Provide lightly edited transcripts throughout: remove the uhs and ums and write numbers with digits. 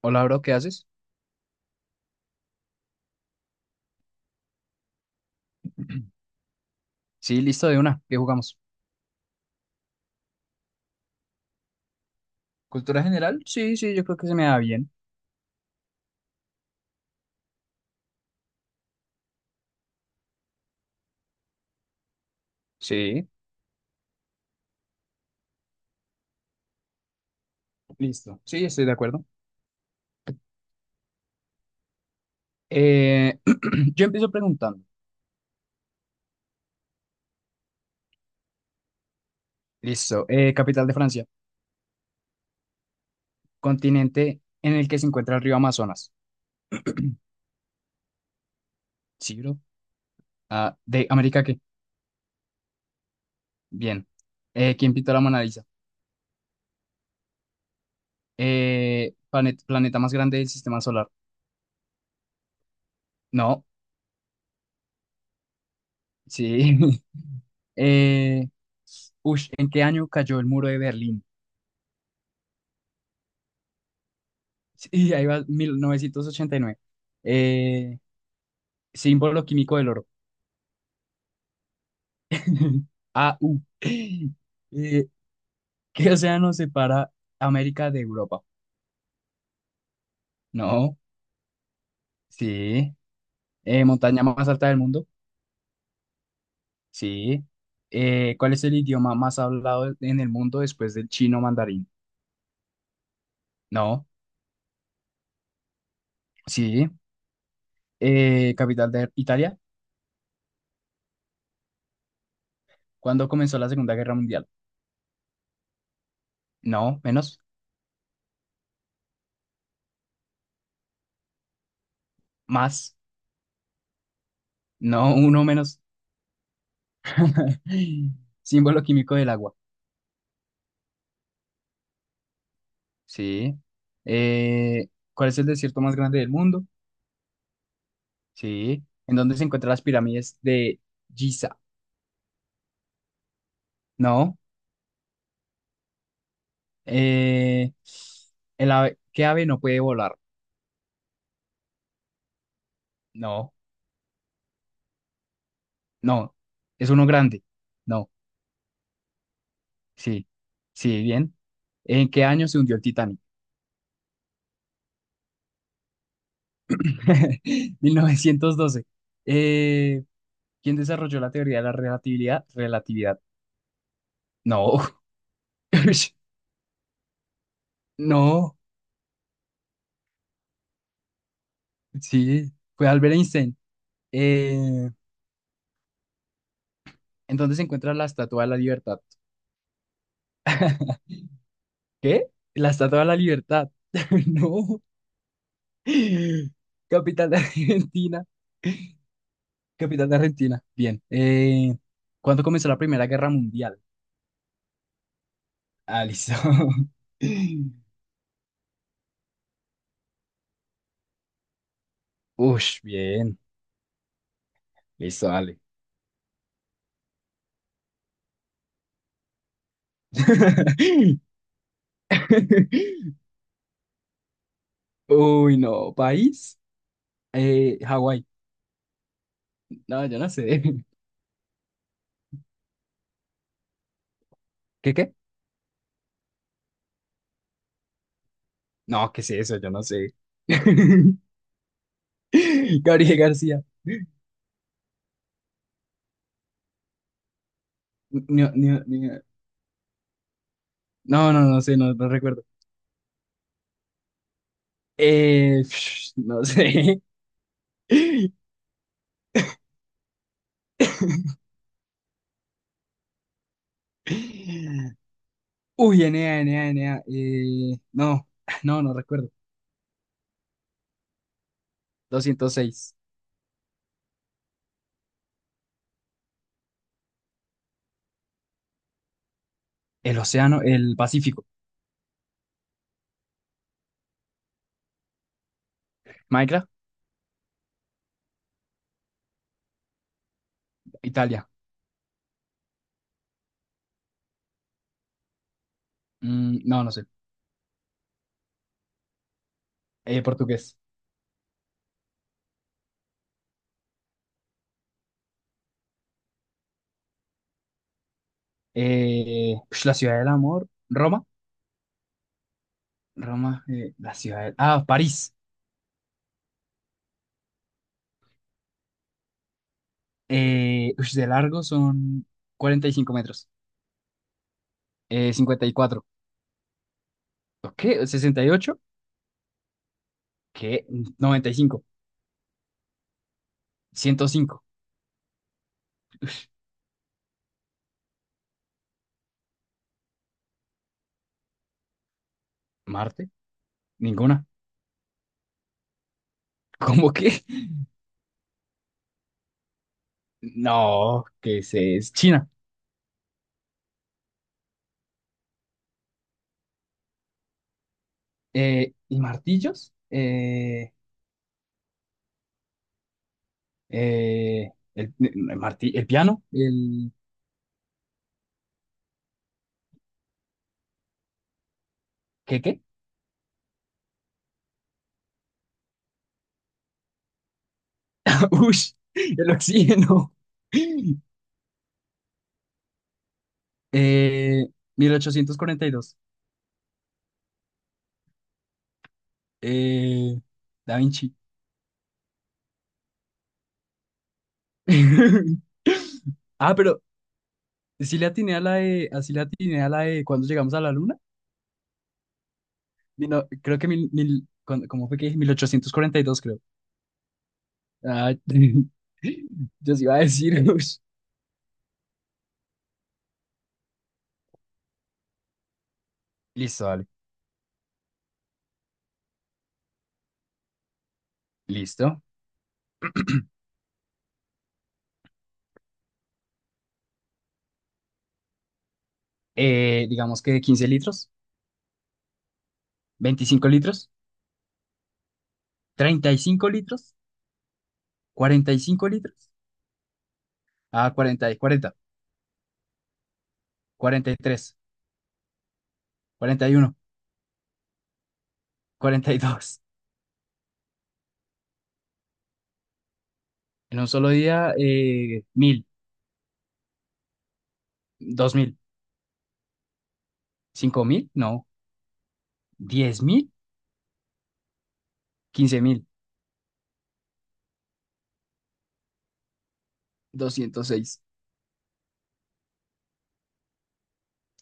Hola, bro, ¿qué haces? Sí, listo, de una. ¿Qué jugamos? ¿Cultura general? Sí, sí, yo creo que se me da bien. Sí, listo. Sí, estoy de acuerdo. Eh, yo empiezo preguntando. Listo. Capital de Francia. Continente en el que se encuentra el río Amazonas. Sí, bro. Ah, ¿de América qué? Bien. ¿Quién pintó la Mona Lisa? Planeta más grande del sistema solar. No. Sí. Eh, Ush, ¿en qué año cayó el muro de Berlín? Sí, ahí va, 1989. Eh, Símbolo químico del oro. AU. Eh, ¿Qué océano separa América de Europa? No, sí. ¿Montaña más alta del mundo? Sí. ¿Cuál es el idioma más hablado en el mundo después del chino mandarín? No, sí. ¿Capital de Italia? ¿Cuándo comenzó la Segunda Guerra Mundial? No, menos, más. No, uno menos. Símbolo químico del agua. Sí. Eh, ¿Cuál es el desierto más grande del mundo? Sí. ¿En dónde se encuentran las pirámides de Giza? No. Eh, ¿Qué ave no puede volar? No. No. ¿Es uno grande? No. Sí. Sí, bien. ¿En qué año se hundió el Titanic? 1912. Eh, ¿Quién desarrolló la teoría de la relatividad? Relatividad. No. No. Sí. Fue Albert Einstein. Eh, ¿En dónde se encuentra la Estatua de la Libertad? ¿Qué? La Estatua de la Libertad. No. Capital de Argentina. Capital de Argentina. Bien. ¿Cuándo comenzó la Primera Guerra Mundial? Ah, listo. Ush, bien. Listo, dale. Uy, no. ¿País? Hawái. No, yo no sé. ¿Qué, qué? No, ¿qué es eso? Yo no sé. Gabriel García. Ni- ni- ni- No, no, no sé, no, no recuerdo. Eh, no sé. Uy, Enea, Enea, Enea. No, no, no recuerdo. Doscientos seis. El océano, el Pacífico. Minecraft. Italia. No, no sé. Portugués. Eh, la ciudad del amor. Roma. Roma, Ah, París. Ush, de largo son 45 metros. 54. ¿Qué? 68. ¿Qué? 95. 105. Marte, ninguna. ¿Cómo que? No, que es China. ¿Y martillos? Eh, el, el el piano, el. ¿Qué? Ush, el oxígeno. Eh, 1842. Eh, Da Vinci. Ah, pero sí le atiné a la de, así le atiné a la de cuando llegamos a la luna. Mil no- Creo que ¿cómo fue que dije? 1842, creo. Ah, yo sí iba a decir, ush. Listo, vale, listo. Digamos que 15 litros. 25 litros. 35 litros. 45 litros. Ah, cuarenta, y cuarenta. 43. 41. 42. En un solo día, 1000. 2000. 5000, no. 10.000. 15.000. 206.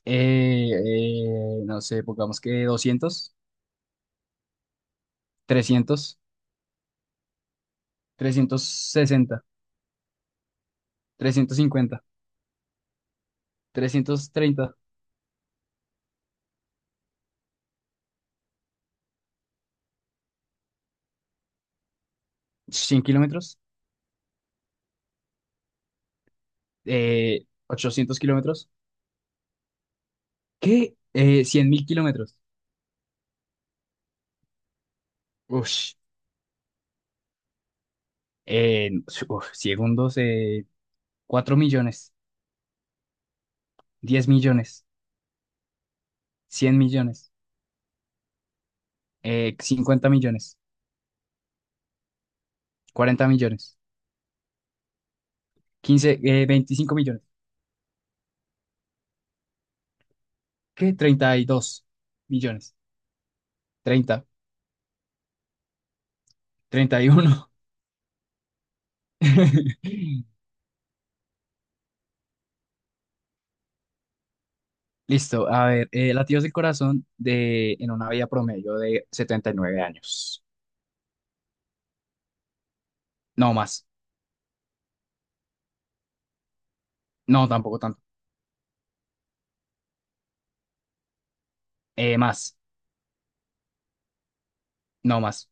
Eh, no sé, pongamos que 200. 300. 360. 350. 330. 100 kilómetros. 800 kilómetros. ¿Qué? 100.000 kilómetros. Ush, eh, uf, segundos, 4 millones. 10 millones. 100 millones. 50 millones. 40 millones. Quince, 25 millones. ¿Qué? 32 millones. 30. 31. Listo, a ver, latidos del corazón en una vida promedio de 79 años. No más. No, tampoco. Más, no más.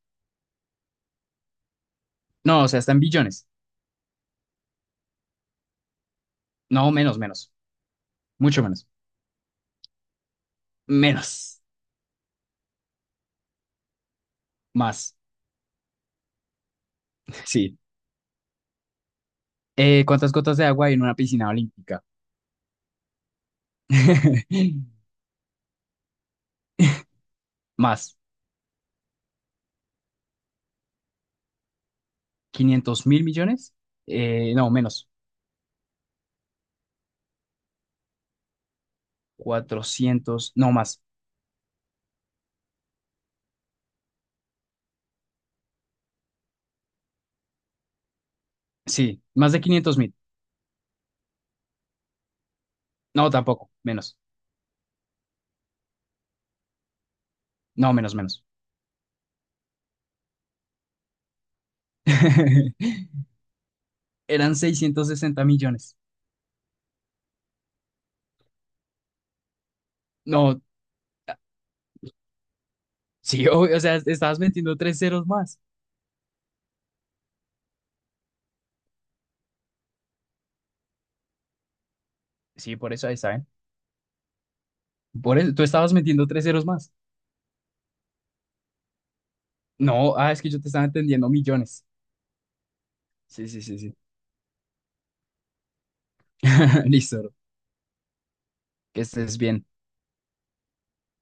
No, o sea, está en billones. No, menos, menos. Mucho menos. Menos. Más. Sí. ¿Cuántas gotas de agua hay en una piscina olímpica? Más. ¿500.000 millones? No, menos. 400. No, más. Sí, más de 500.000. No, tampoco. Menos. No, menos, menos. Eran 660 millones. No, sí, obvio, o sea, estabas metiendo tres ceros más. Sí, por eso ahí saben. Por eso, tú estabas metiendo tres ceros más. No, ah, es que yo te estaba entendiendo millones. Sí, sí, sí, sí. Listo, bro. Que estés bien.